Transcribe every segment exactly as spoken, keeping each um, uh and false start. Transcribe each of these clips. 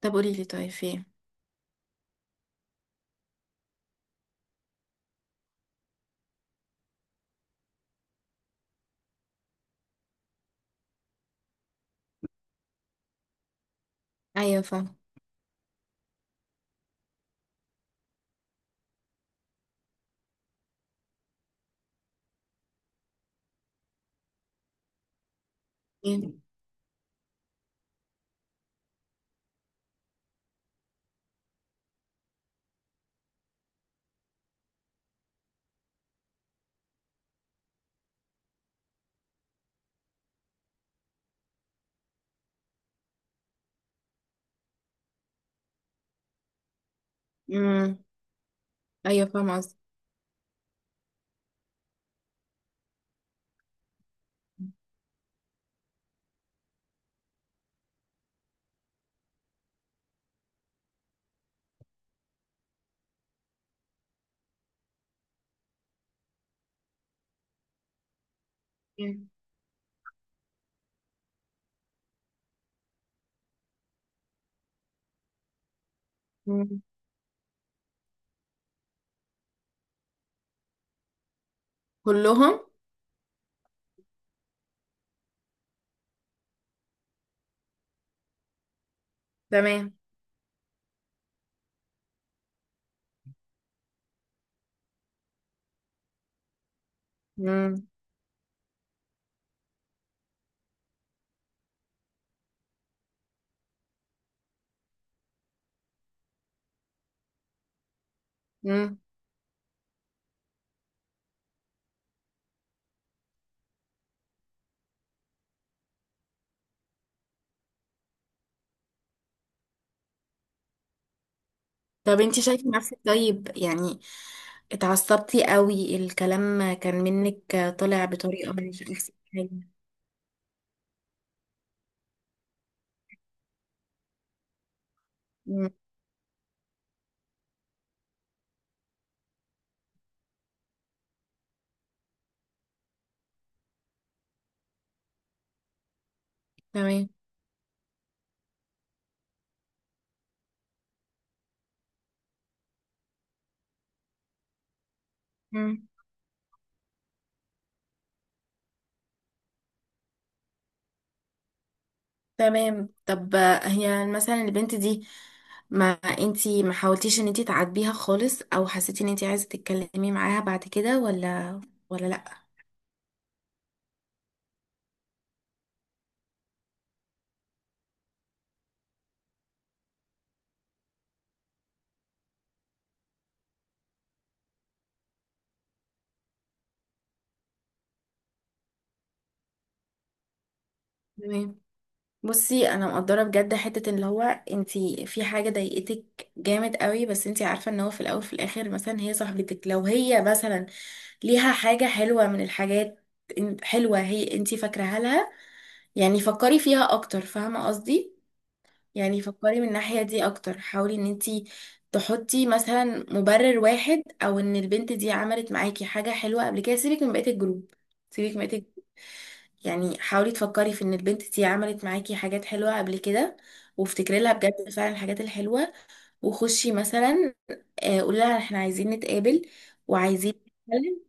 طب قولي لي، طيب في ايه؟ ايوه فاهمه. إيه؟ امم. ايوه فاهمه قصدي. إيه؟ مم. كلهم. تمام. امم. امم. طب انت شايفه نفسك طيب يعني؟ اتعصبتي قوي، الكلام كان منك طالع بطريقه مش احسن حاجه. مم. تمام. مم. تمام طب. هي مثلا البنت دي، ما انتي ما حاولتيش ان انتي تعاتبيها خالص او حسيتي ان انتي عايزه تتكلمي معاها بعد كده ولا؟ ولا لا. تمام. بصي انا مقدره بجد حته اللي هو، انتي في حاجه ضايقتك جامد قوي بس انتي عارفه ان هو في الاول في الاخر مثلا هي صاحبتك، لو هي مثلا ليها حاجه حلوه من الحاجات إن- حلوه هي انتي فاكراها لها، يعني فكري فيها اكتر فاهمه قصدي. يعني فكري من الناحيه دي اكتر، حاولي ان انتي تحطي مثلا مبرر واحد او ان البنت دي عملت معاكي حاجه حلوه قبل كده. سيبك من بقيه الجروب، سيبك من بقيه، يعني حاولي تفكري في ان البنت دي عملت معاكي حاجات حلوة قبل كده، وافتكري لها بجد فعلا الحاجات الحلوة. وخشي مثلا، آه، قولي لها احنا عايزين نتقابل وعايزين نتكلم.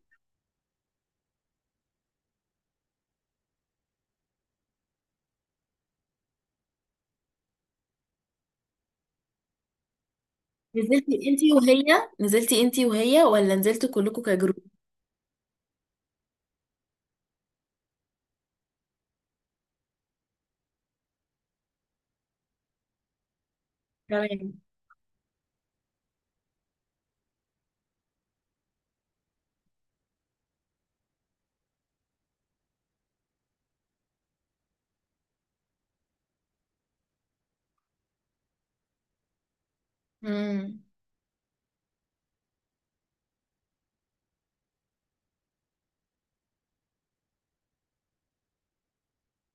نزلتي انتي وهي نزلتي انتي وهي ولا نزلتوا كلكم كجروب؟ تمام. امم.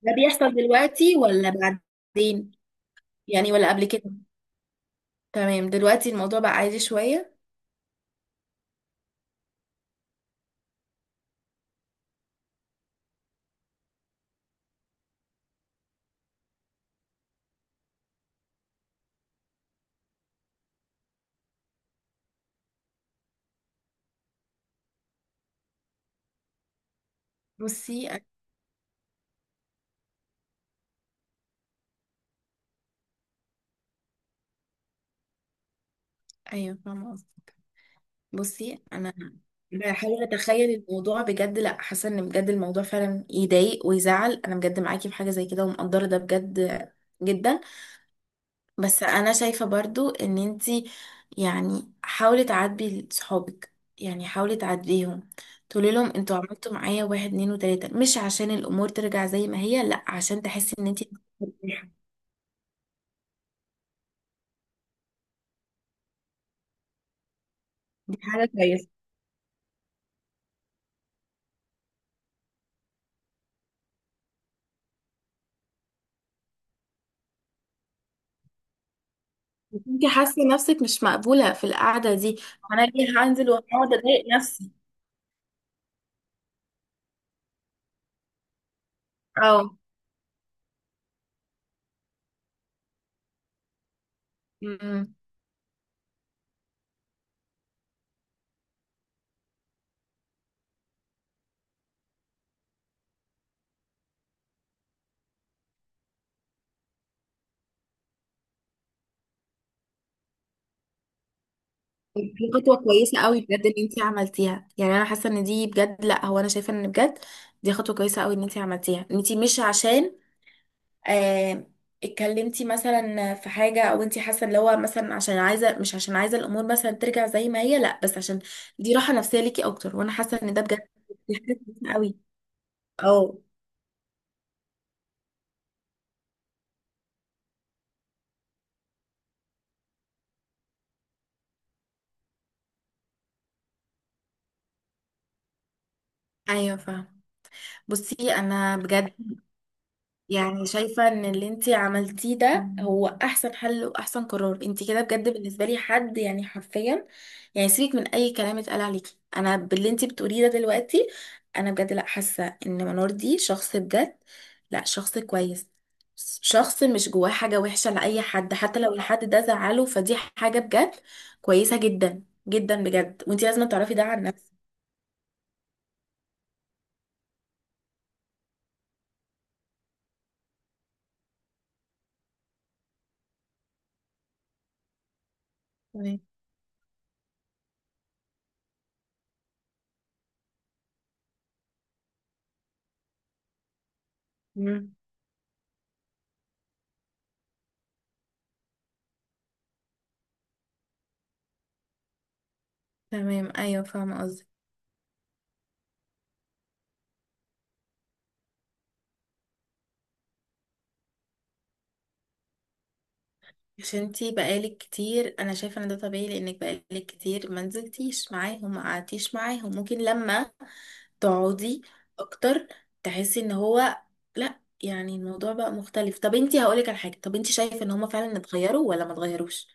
ده بيحصل دلوقتي ولا بعدين؟ يعني ولا قبل كده؟ تمام، دلوقتي الموضوع بقى عادي شوية. بصي أ- ايوه فاهمة قصدي. بصي انا بحاول اتخيل الموضوع بجد، لا حاسه ان بجد الموضوع فعلا يضايق ويزعل، انا بجد معاكي في حاجه زي كده ومقدره ده بجد جدا. بس انا شايفه برضو ان انتي يعني حاولي تعاتبي صحابك، يعني حاولي تعاتبيهم. تقولي لهم انتوا عملتوا معايا واحد اتنين وتلاته، مش عشان الامور ترجع زي ما هي لا، عشان تحسي ان انتي مرتاحة. دي حاجه كويسه. انت حاسه نفسك مش مقبوله في القعده دي، فانا ليه هنزل وهقعد اضايق نفسي؟ مم. دي خطوة كويسة قوي بجد ان انتي عملتيها. يعني انا حاسة ان دي بجد، لا هو انا شايفة ان بجد دي خطوة كويسة قوي ان انتي عملتيها. ان انتي مش عشان آه اتكلمتي مثلا في حاجة، او انتي حاسة ان هو مثلا عشان عايزة، مش عشان عايزة الامور مثلا ترجع زي ما هي، لا بس عشان دي راحة نفسية ليكي اكتر، وانا حاسة ان ده بجد دي حاجة كويسة قوي. اه. ايوه فاهمة. بصي انا بجد يعني شايفة ان اللي انتي عملتيه ده هو احسن حل واحسن قرار انتي كده. بجد بالنسبة لي حد يعني حرفيا، يعني سيبك من اي كلام اتقال عليكي، انا باللي انتي بتقوليه ده دلوقتي انا بجد لا حاسة ان منور دي شخص بجد، لا شخص كويس. شخص مش جواه حاجة وحشة لأي حد، حتى لو الحد ده زعله، فدي حاجة بجد كويسة جدا جدا بجد، وانتي لازم تعرفي ده عن نفسك. تمام. مم. تمام ايوه فاهمة قصدك. عشان انتي بقالك كتير، انا شايفه ان ده طبيعي لانك بقالك كتير ما نزلتيش معاهم ما قعدتيش معاهم، ممكن لما تقعدي اكتر تحسي ان هو لا، يعني الموضوع بقى مختلف. طب انتي هقولك على حاجه، طب انتي شايفه ان هما فعلا اتغيروا ولا ما اتغيروش؟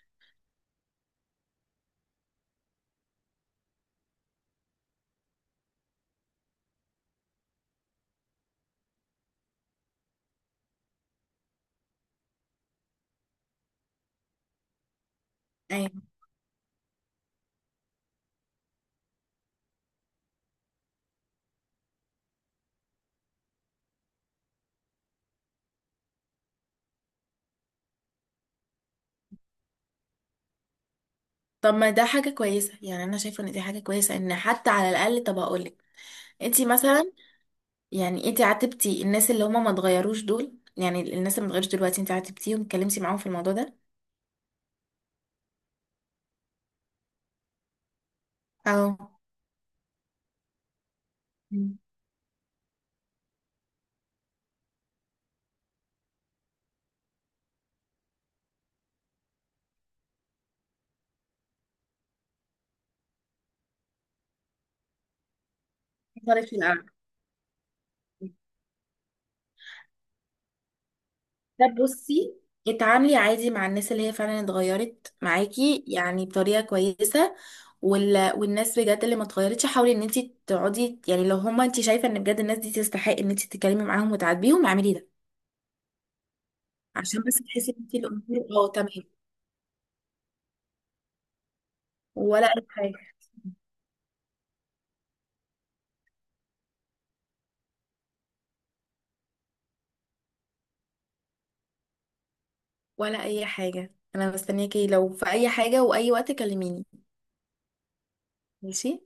ايوه. طب ما ده حاجه كويسه، يعني انا شايفه ان دي حاجه كويسه ان حتى على الاقل. طب هقولك انتي مثلا، يعني انتي عاتبتي الناس اللي هما ما اتغيروش دول؟ يعني الناس اللي ما اتغيروش دلوقتي انتي عاتبتيهم اتكلمتي معاهم في الموضوع ده؟ اه. حصلت في القعدة. لا بصي، اتعاملي عادي مع الناس اللي هي فعلا اتغيرت معاكي يعني بطريقة كويسة. وال... والناس بجد اللي ما اتغيرتش حاولي ان انت تقعدي، يعني لو هما انت شايفة ان بجد الناس دي تستحق ان انت تتكلمي معاهم وتعاتبيهم اعملي ده، عشان بس تحسي ان انت الامور اه تمام. ولا اي حاجة. ولا اي حاجة، انا مستنياكي لو في اي حاجة واي وقت كلميني. ماشي